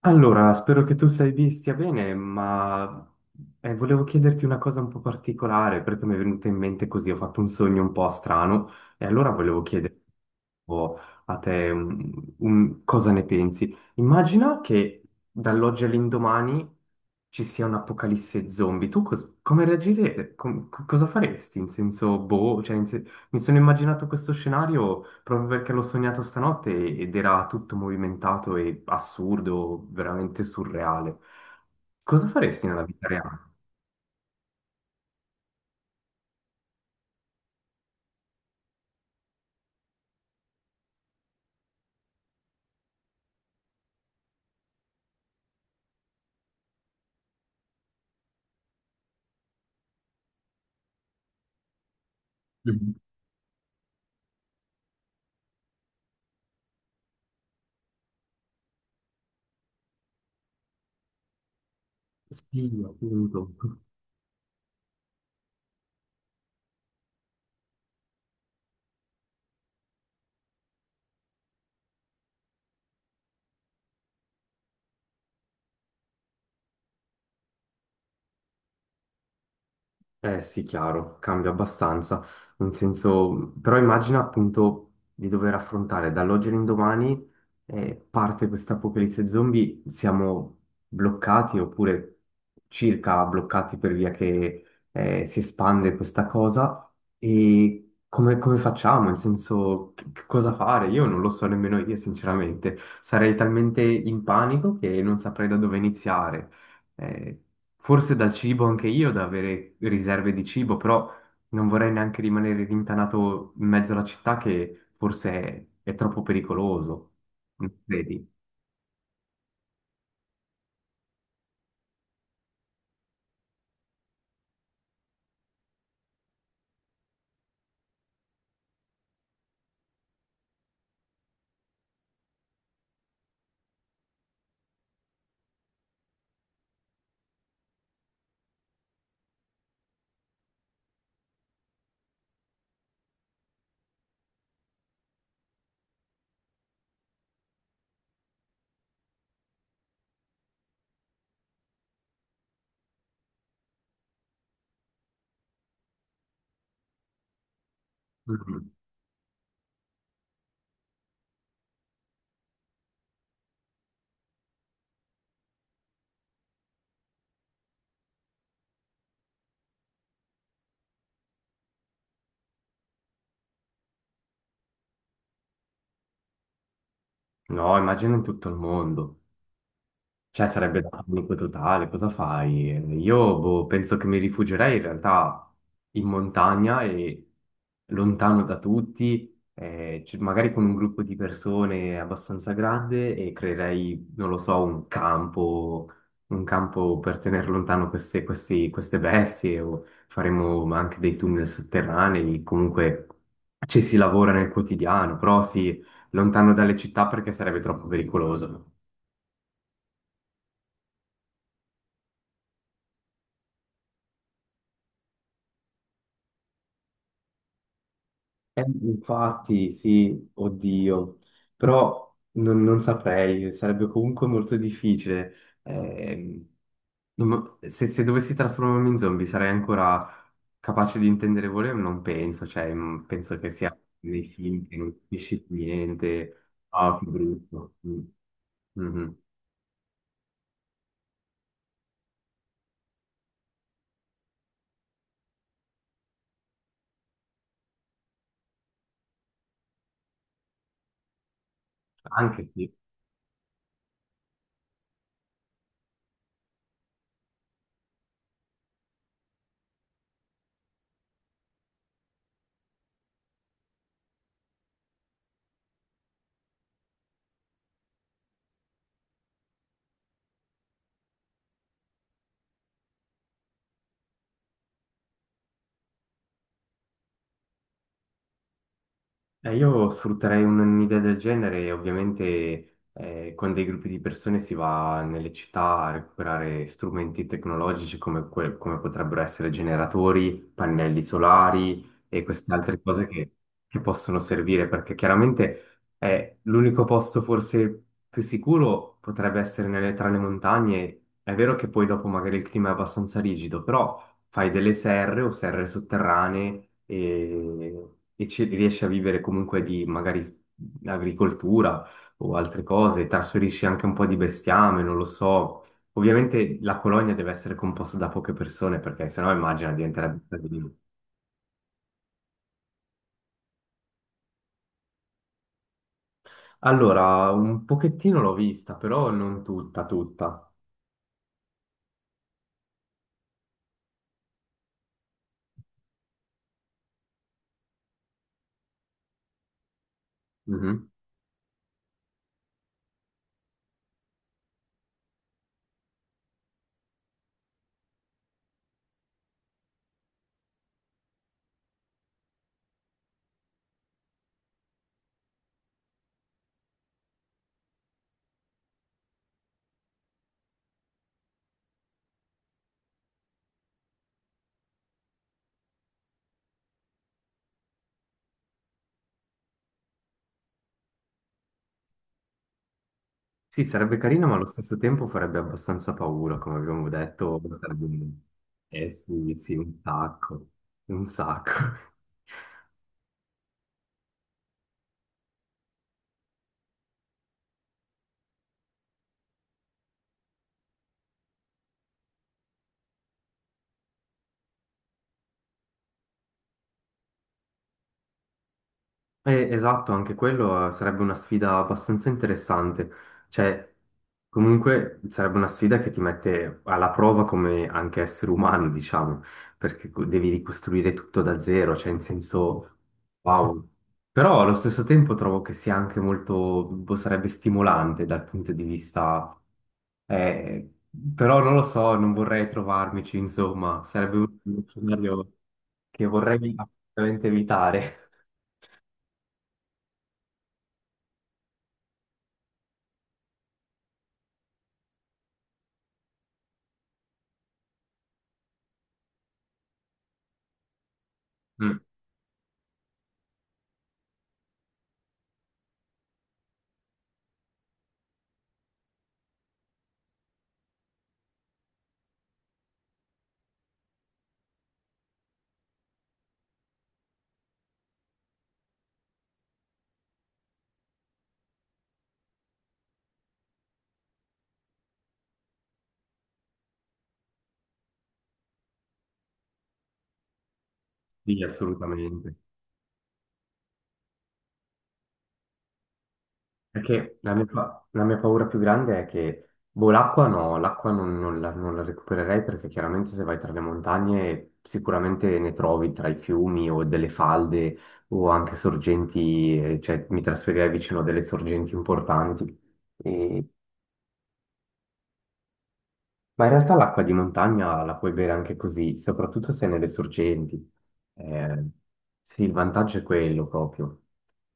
Allora, spero che tu stia bene, ma volevo chiederti una cosa un po' particolare perché mi è venuta in mente così, ho fatto un sogno un po' strano e allora volevo chiedere un po' a te cosa ne pensi. Immagina che dall'oggi all'indomani ci sia un'apocalisse zombie, tu come reagirete? Cosa faresti? In senso, boh, cioè, mi sono immaginato questo scenario proprio perché l'ho sognato stanotte ed era tutto movimentato e assurdo, veramente surreale. Cosa faresti nella vita reale? Mhm. Sì, appunto. Eh sì, chiaro, cambia abbastanza, nel senso, però immagina appunto di dover affrontare dall'oggi all'indomani parte questa apocalisse zombie, siamo bloccati oppure circa bloccati per via che si espande questa cosa e come facciamo? Nel senso, che cosa fare? Io non lo so nemmeno io sinceramente, sarei talmente in panico che non saprei da dove iniziare. Eh, Forse dal cibo anche io, da avere riserve di cibo, però non vorrei neanche rimanere rintanato in mezzo alla città che forse è troppo pericoloso, non credi? Mm. No, immagino in tutto il mondo. Cioè, sarebbe da panico totale, cosa fai? Io boh, penso che mi rifugierei in realtà in montagna e lontano da tutti, magari con un gruppo di persone abbastanza grande e creerei, non lo so, un campo per tenere lontano queste bestie o faremo anche dei tunnel sotterranei, comunque ci si lavora nel quotidiano, però sì, lontano dalle città perché sarebbe troppo pericoloso. Infatti, sì, oddio, però non saprei, sarebbe comunque molto difficile. Ehm, non mo- se, se dovessi trasformarmi in zombie sarei ancora capace di intendere volere? Ma non penso, cioè, penso che sia nei film che non capisci più niente. Ah, che brutto. Mm. Mhm. Anche sì. Io sfrutterei un'idea del genere e ovviamente con dei gruppi di persone si va nelle città a recuperare strumenti tecnologici come potrebbero essere generatori, pannelli solari e queste altre cose che possono servire perché chiaramente l'unico posto forse più sicuro potrebbe essere tra le montagne. È vero che poi dopo magari il clima è abbastanza rigido, però fai delle serre o serre sotterranee e ci riesci a vivere comunque di magari agricoltura o altre cose, trasferisci anche un po' di bestiame, non lo so. Ovviamente la colonia deve essere composta da poche persone perché sennò immagina diventerebbe un casino. Allora, un pochettino l'ho vista, però non tutta, tutta. Mhm. Sì, sarebbe carino, ma allo stesso tempo farebbe abbastanza paura, come abbiamo detto, sarebbe un. Eh sì, sì, un sacco, un sacco. Esatto, anche quello sarebbe una sfida abbastanza interessante. Cioè, comunque sarebbe una sfida che ti mette alla prova come anche essere umano, diciamo, perché devi ricostruire tutto da zero, cioè in senso, wow. Però allo stesso tempo trovo che sia anche molto, boh, sarebbe stimolante dal punto di vista. Eh, Però non lo so, non vorrei trovarmici, insomma, sarebbe uno scenario che vorrei assolutamente evitare. Mm, sì, assolutamente. Perché la mia paura più grande è che, boh, l'acqua no, l'acqua non la recupererei perché chiaramente se vai tra le montagne sicuramente ne trovi tra i fiumi o delle falde o anche sorgenti, cioè mi trasferirei vicino a delle sorgenti importanti. Ma in realtà l'acqua di montagna la puoi bere anche così, soprattutto se nelle sorgenti. Eh, sì, il vantaggio è quello proprio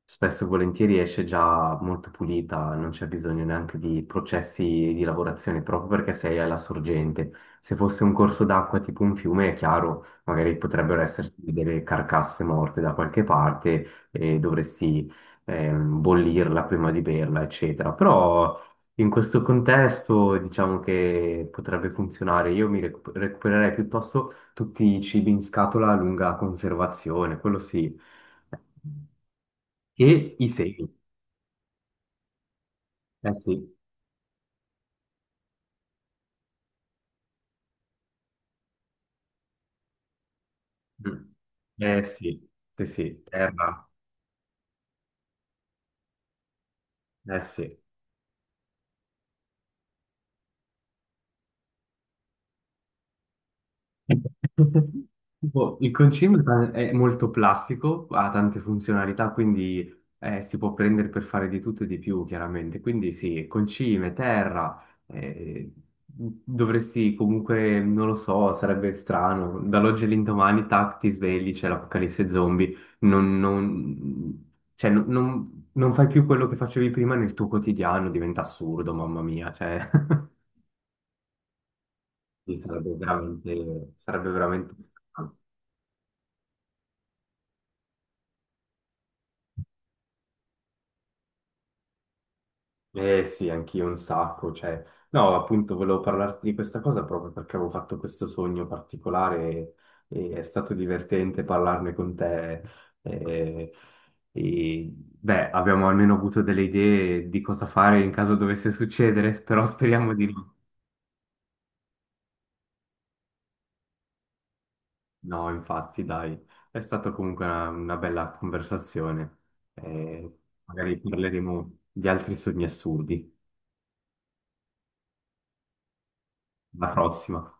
spesso e volentieri esce già molto pulita, non c'è bisogno neanche di processi di lavorazione proprio perché sei alla sorgente. Se fosse un corso d'acqua tipo un fiume, è chiaro, magari potrebbero esserci delle carcasse morte da qualche parte e dovresti bollirla prima di berla, eccetera. Però in questo contesto diciamo che potrebbe funzionare. Io mi recupererei piuttosto tutti i cibi in scatola a lunga conservazione, quello sì. E i segni, eh sì. Mm. Eh sì, sì sì, terra, eh sì. Tipo, il concim è molto plastico, ha tante funzionalità, quindi si può prendere per fare di tutto e di più, chiaramente. Quindi sì, concime, terra, eh, dovresti comunque, non lo so, sarebbe strano. Dall'oggi all'indomani, tac, ti svegli, c'è l'apocalisse zombie, non, non- cioè, non fai più quello che facevi prima nel tuo quotidiano, diventa assurdo, mamma mia, cioè, sì, sarebbe veramente strano. Eh sì, anch'io un sacco, cioè, no, appunto volevo parlarti di questa cosa proprio perché avevo fatto questo sogno particolare e è stato divertente parlarne con te. E, e, beh, abbiamo almeno avuto delle idee di cosa fare in caso dovesse succedere, però speriamo di no. No, infatti, dai, è stata comunque una bella conversazione. Eh, magari parleremo di altri sogni assurdi. Alla prossima.